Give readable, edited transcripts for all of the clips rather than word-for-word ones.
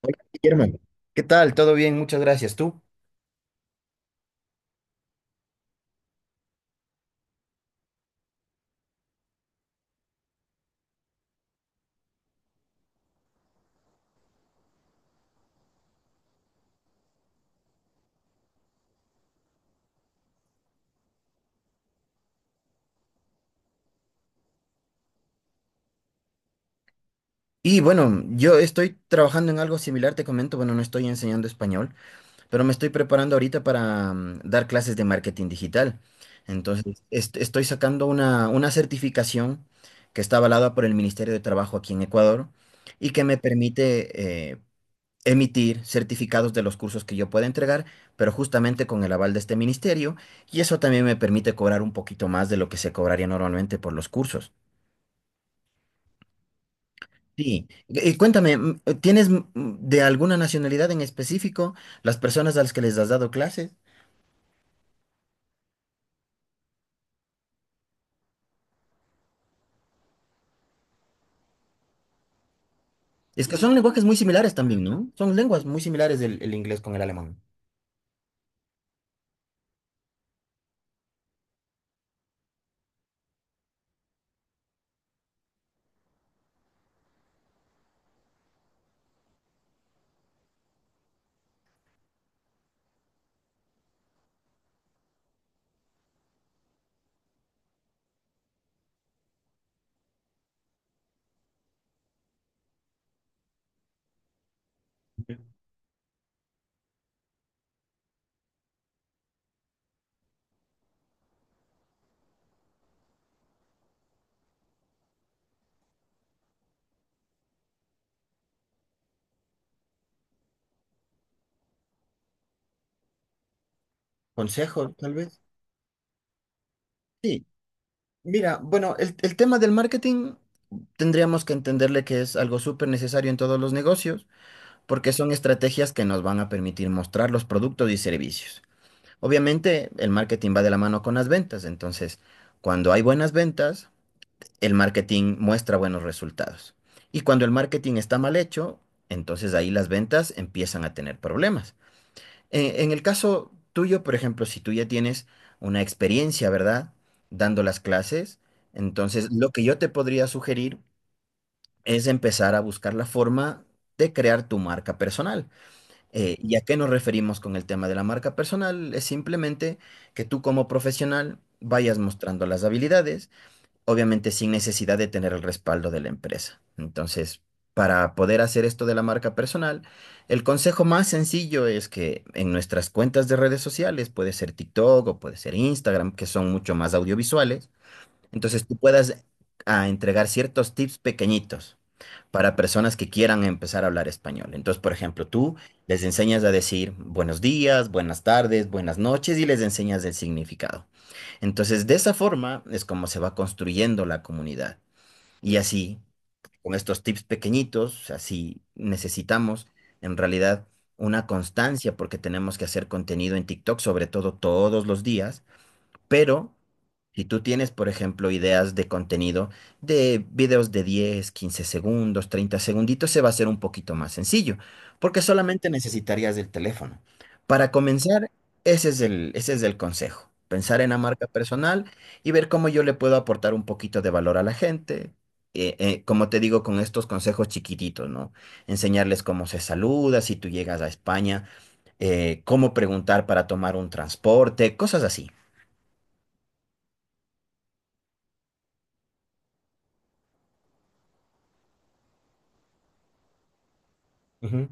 Hola, Guillermo, ¿qué tal? ¿Todo bien? Muchas gracias. ¿Tú? Y bueno, yo estoy trabajando en algo similar, te comento, bueno, no estoy enseñando español, pero me estoy preparando ahorita para dar clases de marketing digital. Entonces, estoy sacando una certificación que está avalada por el Ministerio de Trabajo aquí en Ecuador y que me permite emitir certificados de los cursos que yo pueda entregar, pero justamente con el aval de este ministerio, y eso también me permite cobrar un poquito más de lo que se cobraría normalmente por los cursos. Sí. Cuéntame, ¿tienes de alguna nacionalidad en específico las personas a las que les has dado clases? Es que son lenguajes muy similares también, ¿no? Son lenguas muy similares el inglés con el alemán. Consejos, tal vez. Sí, mira, bueno, el tema del marketing tendríamos que entenderle que es algo súper necesario en todos los negocios, porque son estrategias que nos van a permitir mostrar los productos y servicios. Obviamente, el marketing va de la mano con las ventas, entonces, cuando hay buenas ventas, el marketing muestra buenos resultados. Y cuando el marketing está mal hecho, entonces ahí las ventas empiezan a tener problemas. En el caso tuyo, por ejemplo, si tú ya tienes una experiencia, ¿verdad? Dando las clases, entonces lo que yo te podría sugerir es empezar a buscar la forma de crear tu marca personal. ¿Y a qué nos referimos con el tema de la marca personal? Es simplemente que tú como profesional vayas mostrando las habilidades obviamente sin necesidad de tener el respaldo de la empresa. Entonces, para poder hacer esto de la marca personal, el consejo más sencillo es que en nuestras cuentas de redes sociales, puede ser TikTok o puede ser Instagram, que son mucho más audiovisuales, entonces tú puedas entregar ciertos tips pequeñitos para personas que quieran empezar a hablar español. Entonces, por ejemplo, tú les enseñas a decir buenos días, buenas tardes, buenas noches y les enseñas el significado. Entonces, de esa forma es como se va construyendo la comunidad. Y así, con estos tips pequeñitos, así necesitamos en realidad una constancia porque tenemos que hacer contenido en TikTok, sobre todo todos los días, pero si tú tienes, por ejemplo, ideas de contenido de videos de 10, 15 segundos, 30 segunditos, se va a hacer un poquito más sencillo, porque solamente necesitarías del teléfono. Para comenzar, ese es el consejo. Pensar en la marca personal y ver cómo yo le puedo aportar un poquito de valor a la gente. Como te digo, con estos consejos chiquititos, ¿no? Enseñarles cómo se saluda, si tú llegas a España, cómo preguntar para tomar un transporte, cosas así. Ujú.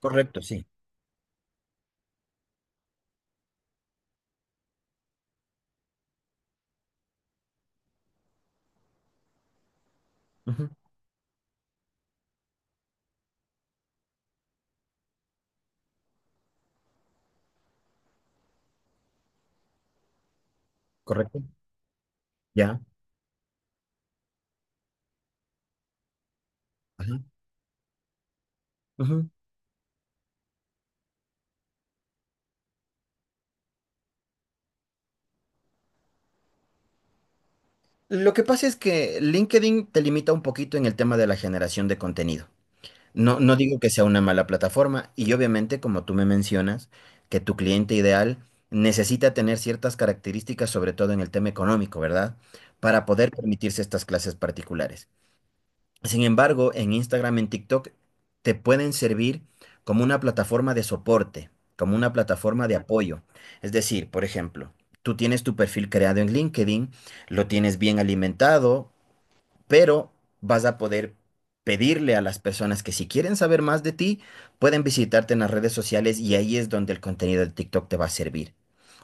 Correcto, sí. Ujú. Correcto. Ya. Ajá. Ujú. Lo que pasa es que LinkedIn te limita un poquito en el tema de la generación de contenido. No, no digo que sea una mala plataforma y obviamente, como tú me mencionas, que tu cliente ideal necesita tener ciertas características, sobre todo en el tema económico, ¿verdad? Para poder permitirse estas clases particulares. Sin embargo, en Instagram, en TikTok, te pueden servir como una plataforma de soporte, como una plataforma de apoyo. Es decir, por ejemplo, tú tienes tu perfil creado en LinkedIn, lo tienes bien alimentado, pero vas a poder pedirle a las personas que si quieren saber más de ti, pueden visitarte en las redes sociales y ahí es donde el contenido de TikTok te va a servir.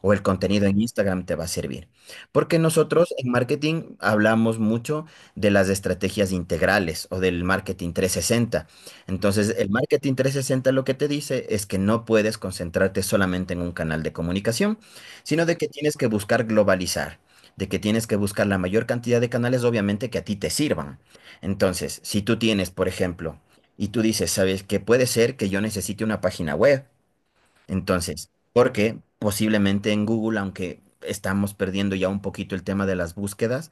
O el contenido en Instagram te va a servir. Porque nosotros en marketing hablamos mucho de las estrategias integrales o del marketing 360. Entonces, el marketing 360 lo que te dice es que no puedes concentrarte solamente en un canal de comunicación, sino de que tienes que buscar globalizar de que tienes que buscar la mayor cantidad de canales, obviamente, que a ti te sirvan. Entonces, si tú tienes, por ejemplo, y tú dices, ¿sabes que puede ser que yo necesite una página web? Entonces, porque posiblemente en Google, aunque estamos perdiendo ya un poquito el tema de las búsquedas,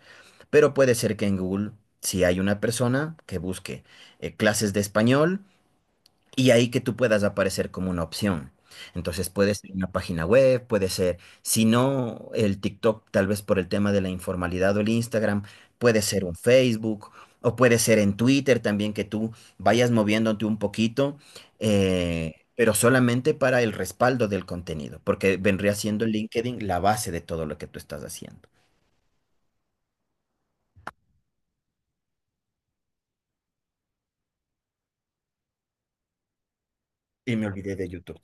pero puede ser que en Google, si hay una persona que busque clases de español, y ahí que tú puedas aparecer como una opción. Entonces puede ser una página web, puede ser, si no el TikTok, tal vez por el tema de la informalidad o el Instagram, puede ser un Facebook o puede ser en Twitter también que tú vayas moviéndote un poquito, pero solamente para el respaldo del contenido, porque vendría siendo LinkedIn la base de todo lo que tú estás haciendo. Y me olvidé de YouTube.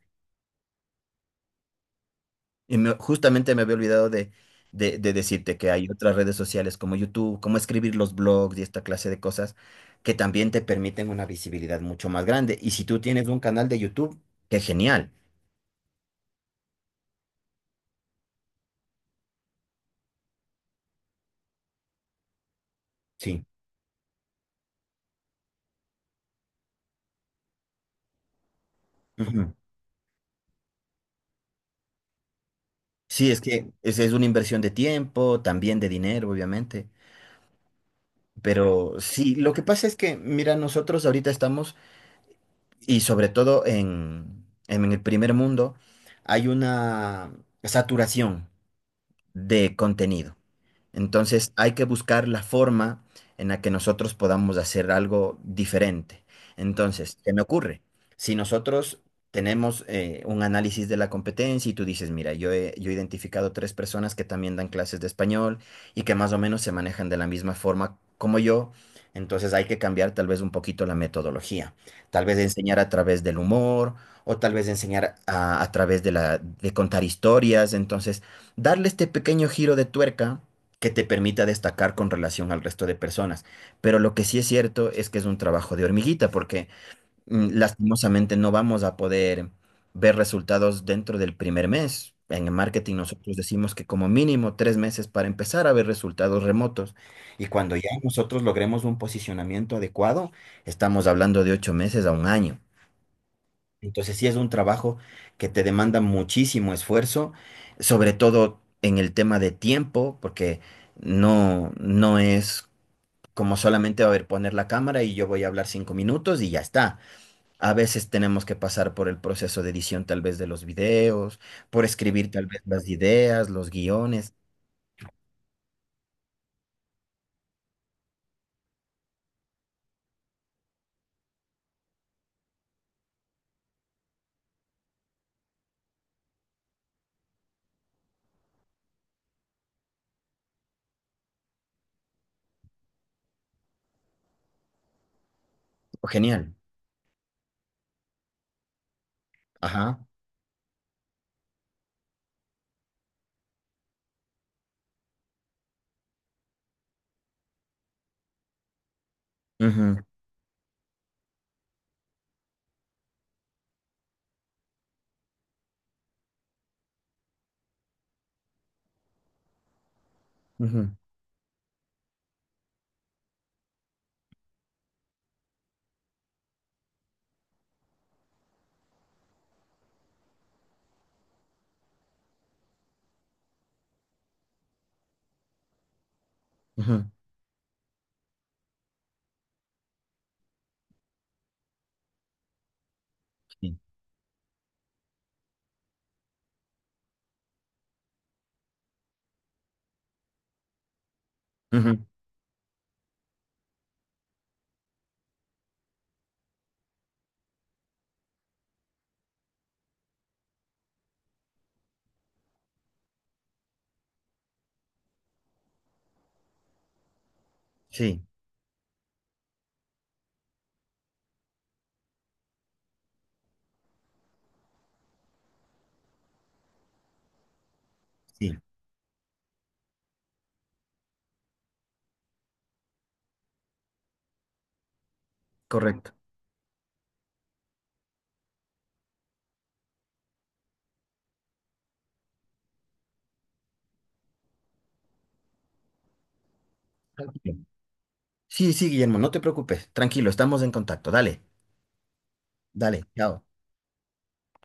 Justamente me había olvidado de decirte que hay otras redes sociales como YouTube, como escribir los blogs y esta clase de cosas que también te permiten una visibilidad mucho más grande. Y si tú tienes un canal de YouTube, qué genial. Sí. Ujú. Sí, es que es una inversión de tiempo, también de dinero, obviamente. Pero sí, lo que pasa es que, mira, nosotros ahorita estamos, y sobre todo en el primer mundo, hay una saturación de contenido. Entonces hay que buscar la forma en la que nosotros podamos hacer algo diferente. Entonces, ¿qué me ocurre? Si nosotros tenemos un análisis de la competencia y tú dices, mira, yo he identificado tres personas que también dan clases de español y que más o menos se manejan de la misma forma como yo, entonces hay que cambiar tal vez un poquito la metodología. Tal vez enseñar a través del humor o tal vez enseñar a través de contar historias. Entonces, darle este pequeño giro de tuerca que te permita destacar con relación al resto de personas. Pero lo que sí es cierto es que es un trabajo de hormiguita, porque lastimosamente no vamos a poder ver resultados dentro del primer mes. En el marketing nosotros decimos que como mínimo 3 meses para empezar a ver resultados remotos. Y cuando ya nosotros logremos un posicionamiento adecuado, estamos hablando de 8 meses a un año. Entonces sí es un trabajo que te demanda muchísimo esfuerzo, sobre todo en el tema de tiempo, porque no, no es como solamente a ver, poner la cámara y yo voy a hablar 5 minutos y ya está. A veces tenemos que pasar por el proceso de edición tal vez de los videos, por escribir tal vez las ideas, los guiones. Genial. Ajá. Ujú, ujú, ujú. Sí, ujú. Sí, sí, correcto. Tranquilo. Sí, sí, Guillermo, no te preocupes. Tranquilo, estamos en contacto. Dale. Dale, chao.